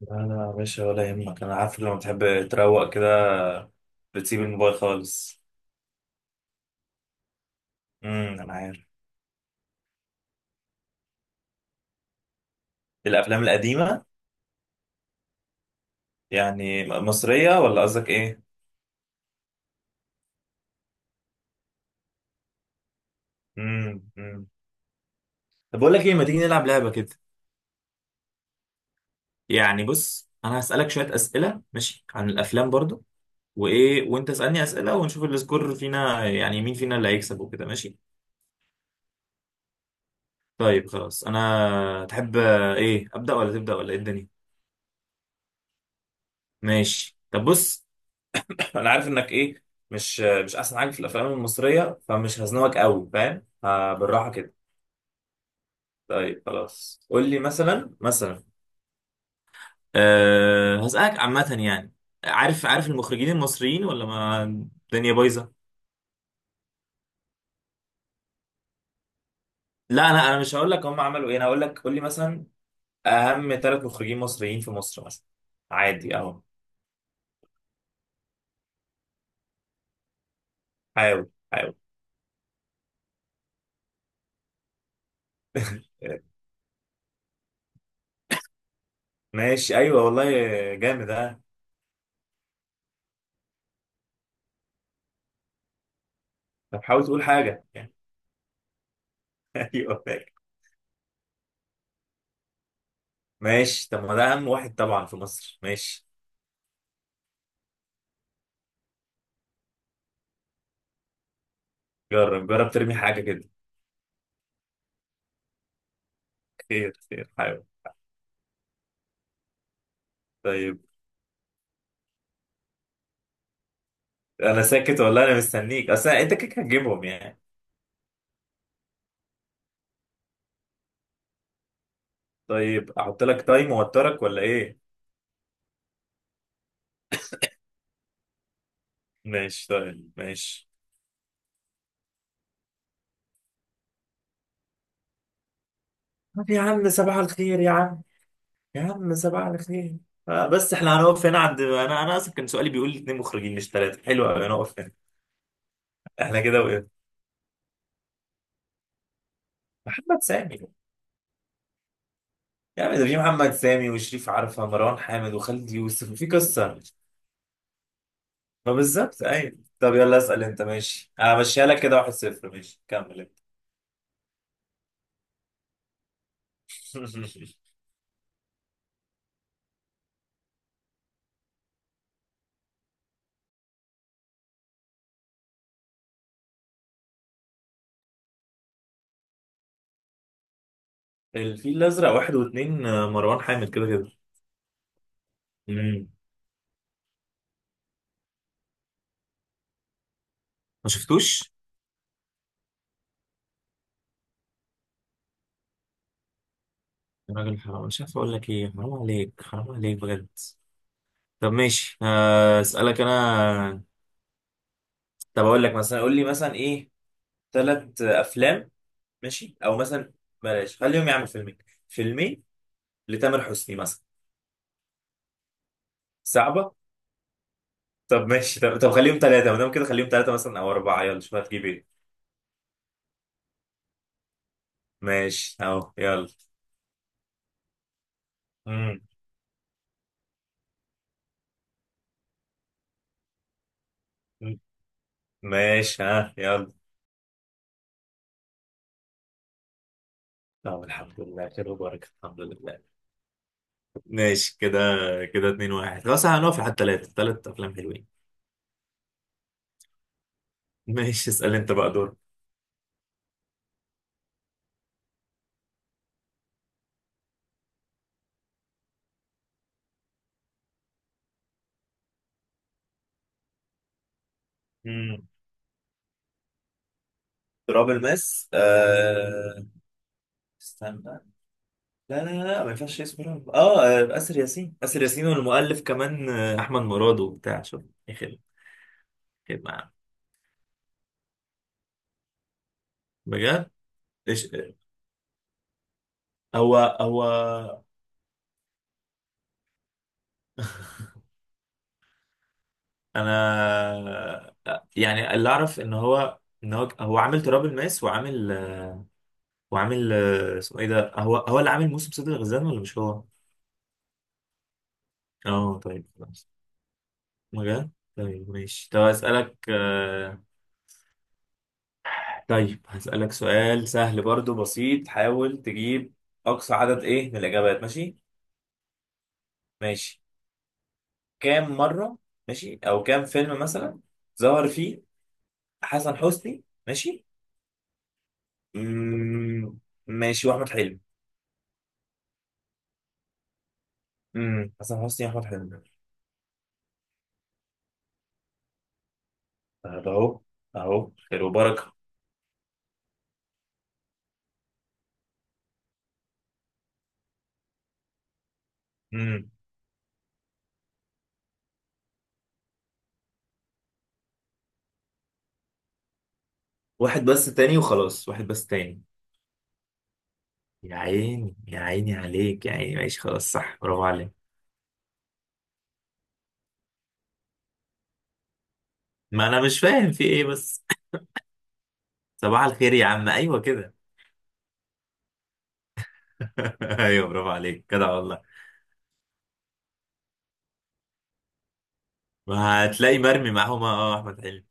لا لا يا باشا ولا يهمك، انا عارف لما تحب تروق كده بتسيب الموبايل خالص. انا عارف. الافلام القديمه؟ يعني مصريه ولا قصدك ايه؟ امم. طب بقول لك ايه، ما تيجي نلعب لعبه كده؟ يعني بص، انا هسالك شويه اسئله، ماشي؟ عن الافلام برضو، وايه، وانت اسالني اسئله، ونشوف السكور فينا، يعني مين فينا اللي هيكسب وكده، ماشي؟ طيب خلاص، انا تحب ايه، ابدا ولا تبدا ولا ايه الدنيا؟ ماشي طب بص، فانا عارف انك ايه، مش احسن حاجه في الافلام المصريه، فمش هزنقك قوي، فاهم؟ آه بالراحه كده. طيب خلاص، قول لي مثلا، مثلا، أه هسألك عامة يعني. عارف عارف المخرجين المصريين ولا ما الدنيا بايظة؟ لا انا مش هقول لك هم عملوا ايه، انا هقول لك قول لي مثلا اهم ثلاث مخرجين مصريين في مصر مثلا، عادي اهو. حاول حاول. ماشي ايوه والله، جامد اه. طب حاول تقول حاجة. ايوه ماشي، طب ما ده اهم واحد طبعا في مصر، ماشي. جرب جرب، ترمي حاجة كده. خير خير، حاول. طيب، أنا ساكت ولا أنا مستنيك؟ أصل أنت كده هتجيبهم يعني. طيب أحط لك تايم وأوترك ولا إيه؟ ماشي طيب ماشي. طب يا عم صباح الخير يا عم. يا عم صباح الخير. آه بس احنا هنقف هنا عند، أنا أصلا كان سؤالي بيقول لي اتنين مخرجين مش تلاتة، حلو أوي نقف هنا. احنا كده وقف. محمد سامي. يا عم ده في محمد سامي وشريف عرفة، مروان حامد، وخالد يوسف، وفي قصة. ما بالظبط، ايوه. طب يلا اسال انت، ماشي، همشيها لك كده واحد صفر، ماشي كمل انت. الفيل الازرق واحد واثنين، مروان حامد كده كده. مم. ما شفتوش. يا راجل حرام، مش عارف اقول لك ايه، حرام عليك، حرام عليك بجد. طب ماشي، اسالك انا. طب اقول لك مثلا، قول لي مثلا ايه، ثلاث افلام، ماشي، او مثلا، بلاش خليهم، يعمل فيلمين، فيلمين لتامر حسني مثلا. صعبه. طب ماشي، طب خليهم ثلاثه، ما دام كده خليهم ثلاثه مثلا او اربعه، يلا شوف هتجيب ايه. ماشي اهو، يلا. مم. مم. ماشي، ها، يلا. طب الحمد لله خير وبركة، الحمد لله. ماشي كده، كده اتنين واحد، خلاص هنقف لحد تلاتة، تلات أفلام حلوين. ماشي اسأل أنت بقى دور. مم. تراب الماس. استنى، لا لا لا ما ينفعش اسمه تراب. اه، آسر ياسين، آسر ياسين. والمؤلف كمان أحمد مراد وبتاع، شوف يخرب، يخرب معاه. بجد، إيش. هو هو. انا، يعني اللي اعرف ان هو هو عامل تراب الماس، وعامل، وعامل اسمه ايه ده، هو اللي عامل موسم صيد الغزلان ولا مش هو؟ اه طيب خلاص. مجال. طيب ماشي، طب هسألك، طيب هسألك سؤال سهل برضو، بسيط، حاول تجيب. أقصى عدد إيه من الإجابات، ماشي؟ ماشي. كام مرة، ماشي، أو كام فيلم مثلا ظهر فيه حسن حسني، ماشي، مم، ماشي، وأحمد حلمي. حسن حسني، احمد حلمي. طب اهو، اهو خير وبركه. امم واحد بس تاني وخلاص، واحد بس تاني. يا عيني يا عيني عليك يا عيني، ماشي خلاص، صح، برافو عليك. ما انا مش فاهم في ايه بس. صباح الخير يا عم، ايوه كده. ايوه برافو عليك كده والله. ما هتلاقي مرمي معاهم اه، احمد حلمي.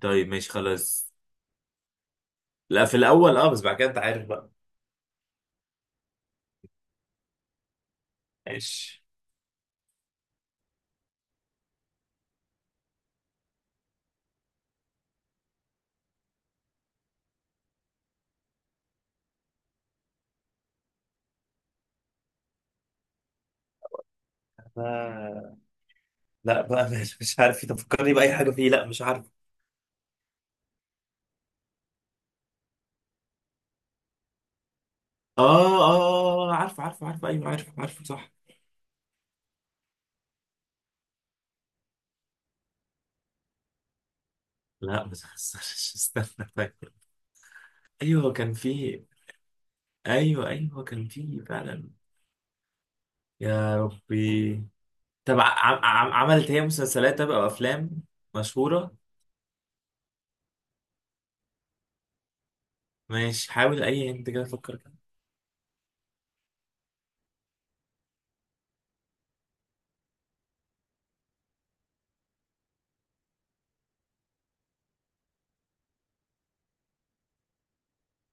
طيب ماشي خلاص. لا في الاول اه، بس بعد كده انت عارف بقى. ماشي. أنا- لا بقى، مش عارف تفكرني بأي حاجة فيه، لا مش عارف. اه اه، عارفه عارفه عارفه، ايوه عارفه عارفه، صح. لا ما تخسرش، استنى، فاكر. ايوه كان في، ايوه ايوه كان في فعلا. يا ربي. طب عملت هي مسلسلات او افلام مشهوره؟ ماشي، حاول، اي انت كده فكر كده.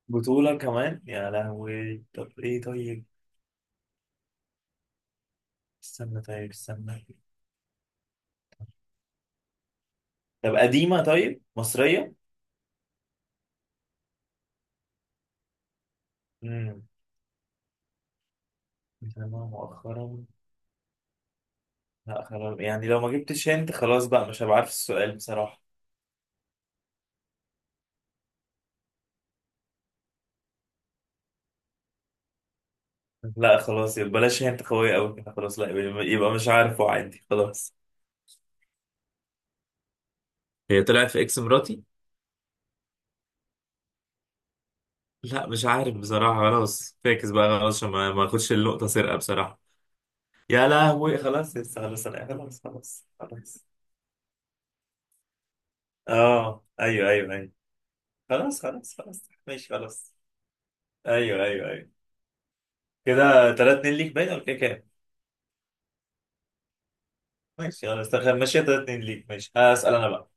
بطوله كمان، يا لهوي، طب ايه طيب. استنى، طيب استنى. طب قديمه، طيب مصريه. امم متابعة مؤخرا. لا خلاص، يعني لو ما جبتش انت خلاص بقى مش هبقى عارف السؤال بصراحه. لا خلاص يبقى بلاش، هي انت قوية قوي كده، خلاص لا يبقى يبقى مش عارف، وعادي خلاص. هي طلعت في اكس مراتي؟ لا مش عارف بصراحة، خلاص فاكس بقى، خلاص، عشان ما اخدش النقطة سرقة بصراحة. يا لهوي، خلاص يس، خلاص انا خلاص خلاص خلاص. اه ايوه ايوه ايوه. خلاص خلاص خلاص. ماشي خلاص. ايوه ايوه ايوه. كده 3 2 ليك، باين ولا كده كام؟ ماشي خلاص ماشي، 3 2 ليك، ماشي هسأل انا بقى.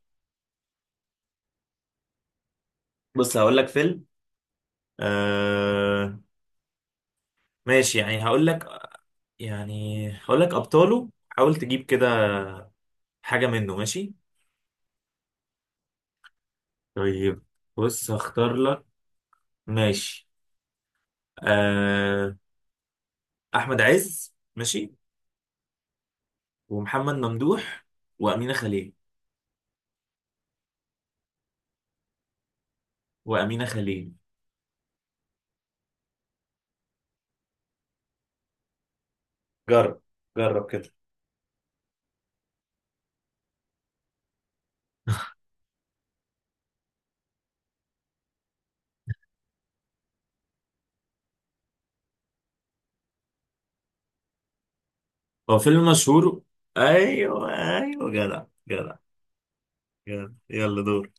بص هقول لك فيلم. آه ماشي، يعني هقول لك، يعني هقول لك ابطاله، حاول تجيب كده حاجه منه، ماشي؟ طيب بص هختار لك، ماشي، آه، احمد عز، ماشي، ومحمد ممدوح، وامينه خليل. وامينه خليل. جرب جرب كده. هو فيلم مشهور. ايوه ايوه، جدع جدع. جدع، يلا دور.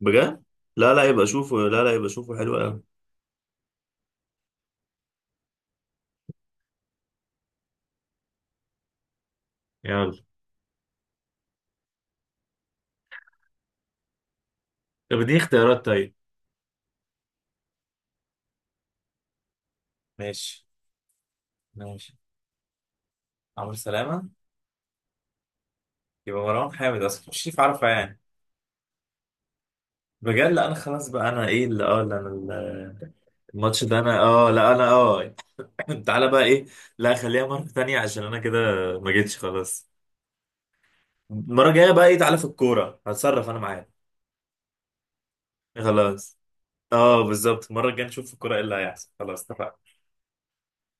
بجد؟ لا، لا يبقى شوفه، لا لا يبقى شوفه حلو قوي. يلا. طب اديني اختيارات طيب. ماشي ماشي. عمرو سلامة. يبقى مروان حامد اصلا، مش عارفه يعني. بجد؟ لا انا خلاص بقى، انا ايه اللي اه لا انا الماتش ده، انا اه لا انا اه. تعالى بقى ايه، لا خليها مرة تانية، عشان انا كده ما جيتش خلاص. المرة الجاية بقى ايه، تعالى في الكورة، هتصرف انا معاك. خلاص، اه بالظبط، المرة الجاية نشوف في الكورة ايه اللي هيحصل، خلاص اتفقنا.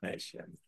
ماشي.